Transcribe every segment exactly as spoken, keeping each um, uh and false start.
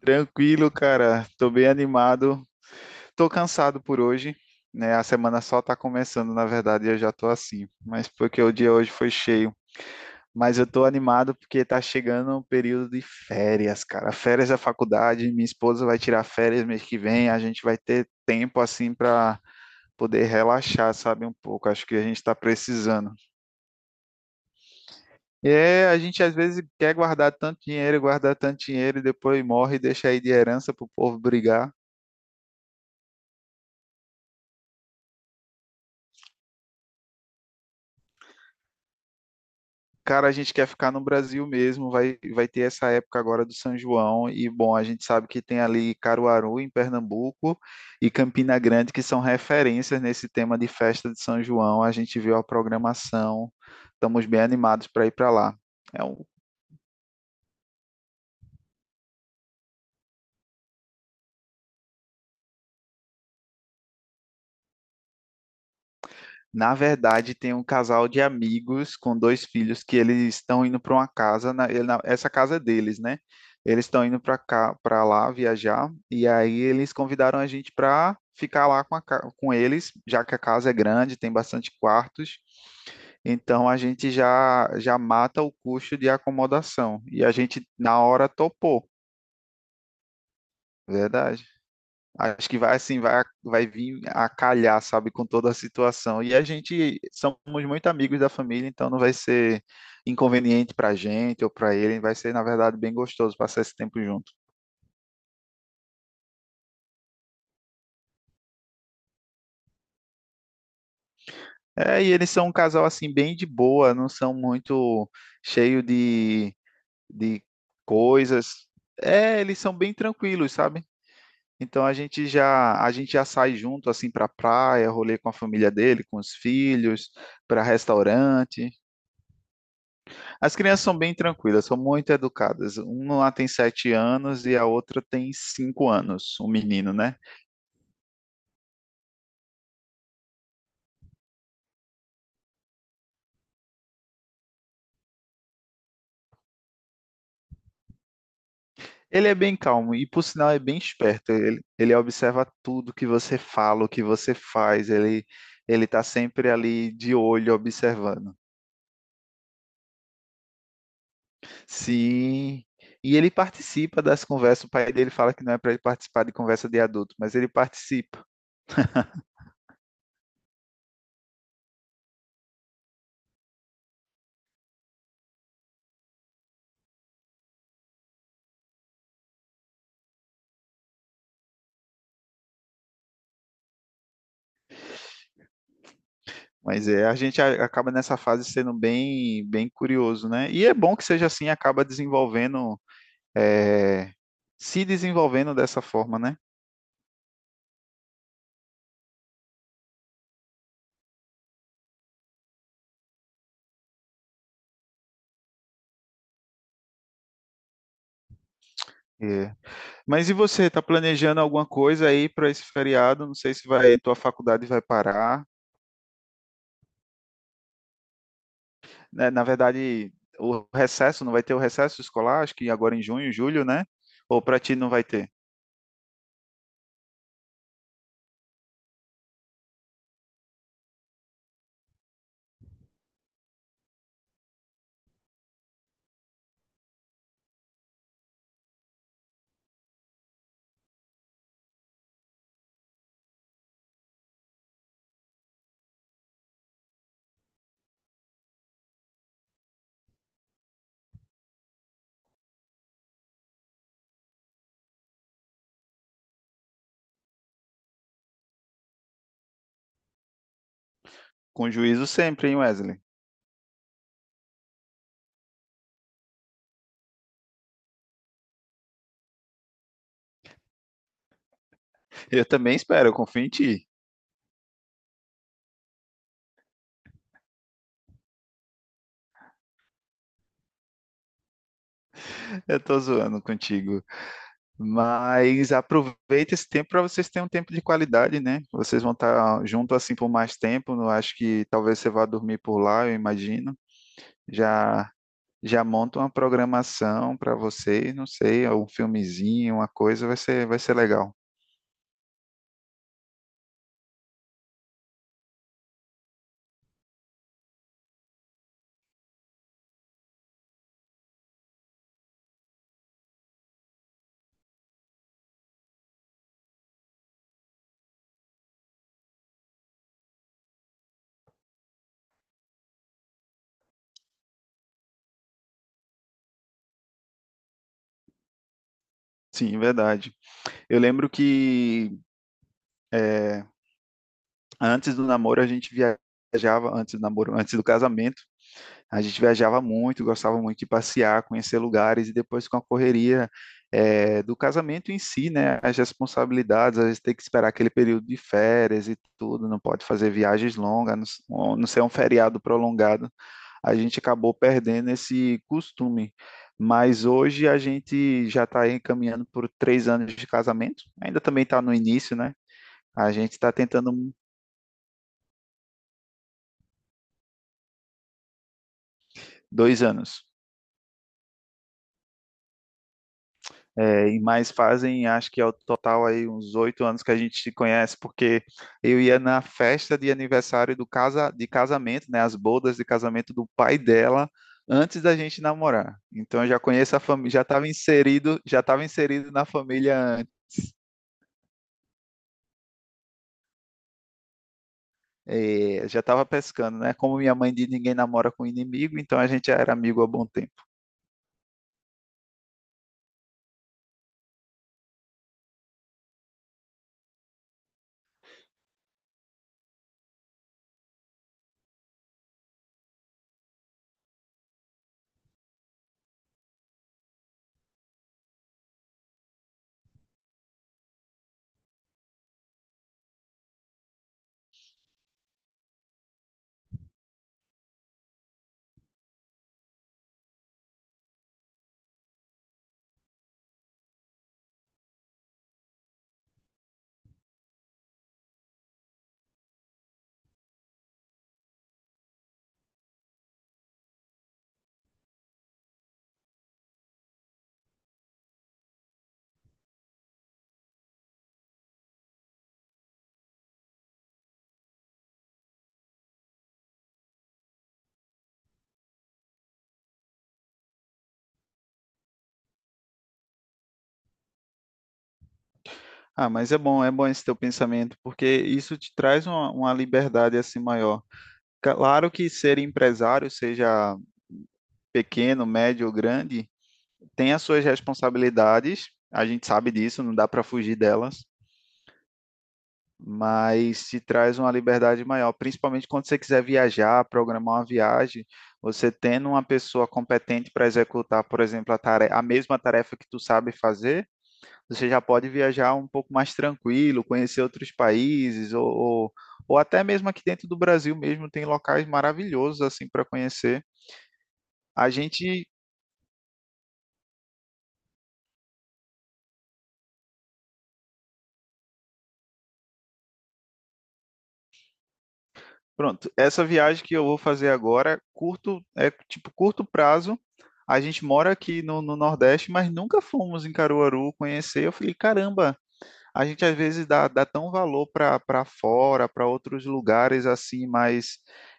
Tranquilo, cara. Tô bem animado. Tô cansado por hoje, né? A semana só tá começando, na verdade, e eu já tô assim. Mas porque o dia hoje foi cheio. Mas eu tô animado porque tá chegando o período de férias, cara. Férias da faculdade, minha esposa vai tirar férias mês que vem, a gente vai ter tempo assim para poder relaxar, sabe, um pouco. Acho que a gente tá precisando. E é, a gente às vezes quer guardar tanto dinheiro, guardar tanto dinheiro e depois morre e deixa aí de herança pro povo brigar. Cara, a gente quer ficar no Brasil mesmo, vai, vai ter essa época agora do São João, e bom, a gente sabe que tem ali Caruaru, em Pernambuco, e Campina Grande, que são referências nesse tema de festa de São João. A gente viu a programação, estamos bem animados para ir para lá. É um, Na verdade, tem um casal de amigos com dois filhos que eles estão indo para uma casa, na, ele- na- essa casa é deles, né? Eles estão indo para cá, para lá viajar, e aí eles convidaram a gente para ficar lá com, a ca- com eles, já que a casa é grande, tem bastante quartos. Então a gente já já mata o custo de acomodação. E a gente na hora topou, verdade. Acho que vai assim, vai, vai vir a calhar, sabe, com toda a situação. E a gente somos muito amigos da família, então não vai ser inconveniente para a gente ou para ele, vai ser, na verdade, bem gostoso passar esse tempo junto. É, e eles são um casal assim bem de boa, não são muito cheio de, de coisas. É, eles são bem tranquilos, sabe? Então a gente já a gente já sai junto assim para praia, rolê com a família dele, com os filhos, para restaurante. As crianças são bem tranquilas, são muito educadas. Uma lá tem sete anos e a outra tem cinco anos, um menino, né? Ele é bem calmo e, por sinal, é bem esperto. Ele, ele observa tudo que você fala, o que você faz. Ele ele está sempre ali de olho, observando. Sim. E ele participa das conversas. O pai dele fala que não é para ele participar de conversa de adulto, mas ele participa. Mas é, a gente a- acaba nessa fase sendo bem, bem curioso, né? E é bom que seja assim, acaba desenvolvendo, é, se desenvolvendo dessa forma, né? É. Mas e você, está planejando alguma coisa aí para esse feriado? Não sei se vai, tua faculdade vai parar. Né? Na verdade, o recesso, não vai ter o recesso escolar, acho que agora em junho, julho, né? Ou para ti não vai ter? Com juízo sempre, hein, Wesley? Eu também espero, eu confio em ti. Eu tô zoando contigo. Mas aproveita esse tempo para vocês terem um tempo de qualidade, né? Vocês vão estar junto assim por mais tempo. Eu acho que talvez você vá dormir por lá, eu imagino. Já já monta uma programação para vocês, não sei, um filmezinho, uma coisa, vai ser vai ser legal. Sim, verdade. Eu lembro que é, antes do namoro a gente viajava, antes do namoro, antes do casamento, a gente viajava muito, gostava muito de passear, conhecer lugares e depois com a correria é, do casamento em si, né? As responsabilidades, a gente tem que esperar aquele período de férias e tudo, não pode fazer viagens longas, a não, s- a não ser um feriado prolongado. A gente acabou perdendo esse costume. Mas hoje a gente já está encaminhando por três anos de casamento, ainda também está no início, né? A gente está tentando um, dois anos. É, e mais fazem, acho que ao total aí uns oito anos que a gente se conhece, porque eu ia na festa de aniversário do casa, de casamento, né, as bodas de casamento do pai dela, antes da gente namorar. Então eu já conheço a família, já estava inserido, já estava inserido na família, antes. é, já estava pescando, né? Como minha mãe diz, ninguém namora com inimigo, então a gente já era amigo há bom tempo. Ah, mas é bom, é bom esse teu pensamento, porque isso te traz uma, uma liberdade assim maior. Claro que ser empresário, seja pequeno, médio ou grande, tem as suas responsabilidades, a gente sabe disso, não dá para fugir delas, mas se traz uma liberdade maior, principalmente quando você quiser viajar, programar uma viagem, você tendo uma pessoa competente para executar, por exemplo, a, tarefa, a mesma tarefa que tu sabe fazer, você já pode viajar um pouco mais tranquilo, conhecer outros países ou, ou, ou até mesmo aqui dentro do Brasil mesmo tem locais maravilhosos assim para conhecer. A gente. Pronto, essa viagem que eu vou fazer agora, curto, é tipo curto prazo. A gente mora aqui no, no Nordeste, mas nunca fomos em Caruaru conhecer. Eu falei, caramba, a gente às vezes dá, dá tão valor para fora, para outros lugares assim mais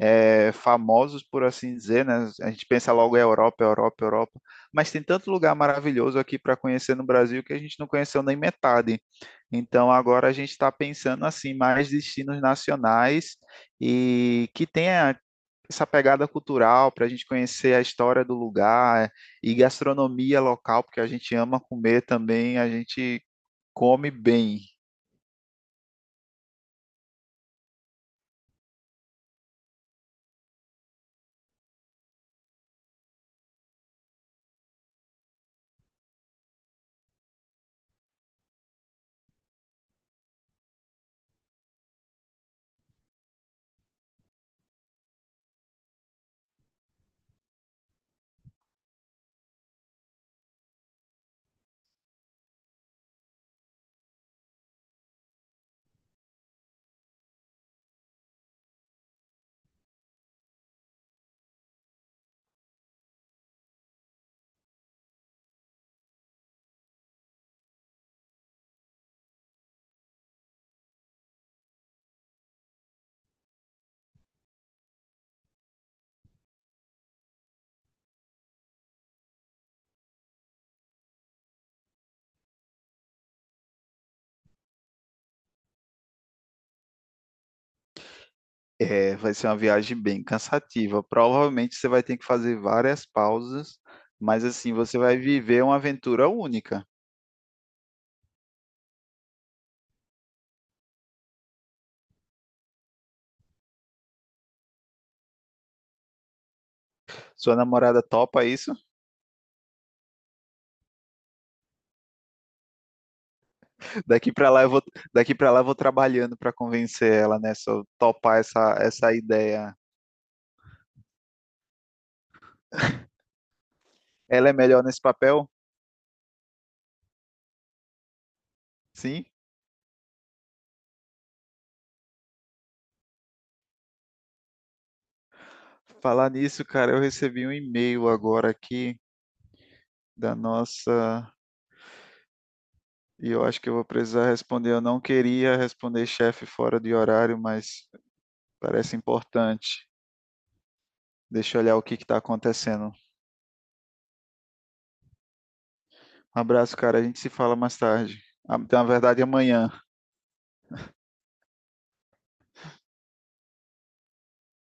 é, famosos, por assim dizer, né? A gente pensa logo em Europa, Europa, Europa, mas tem tanto lugar maravilhoso aqui para conhecer no Brasil que a gente não conheceu nem metade. Então agora a gente está pensando assim mais destinos nacionais e que tenha essa pegada cultural para a gente conhecer a história do lugar e gastronomia local, porque a gente ama comer também, a gente come bem. É, vai ser uma viagem bem cansativa. Provavelmente você vai ter que fazer várias pausas, mas assim, você vai viver uma aventura única. Sua namorada topa isso? Daqui para lá eu vou, daqui para lá eu vou trabalhando para convencer ela, né? Só topar essa, essa ideia. Ela é melhor nesse papel? Sim? Falar nisso, cara, eu recebi um e-mail agora aqui da nossa. E eu acho que eu vou precisar responder. Eu não queria responder chefe fora de horário, mas parece importante. Deixa eu olhar o que está acontecendo. Um abraço, cara. A gente se fala mais tarde. Ah, na verdade, amanhã.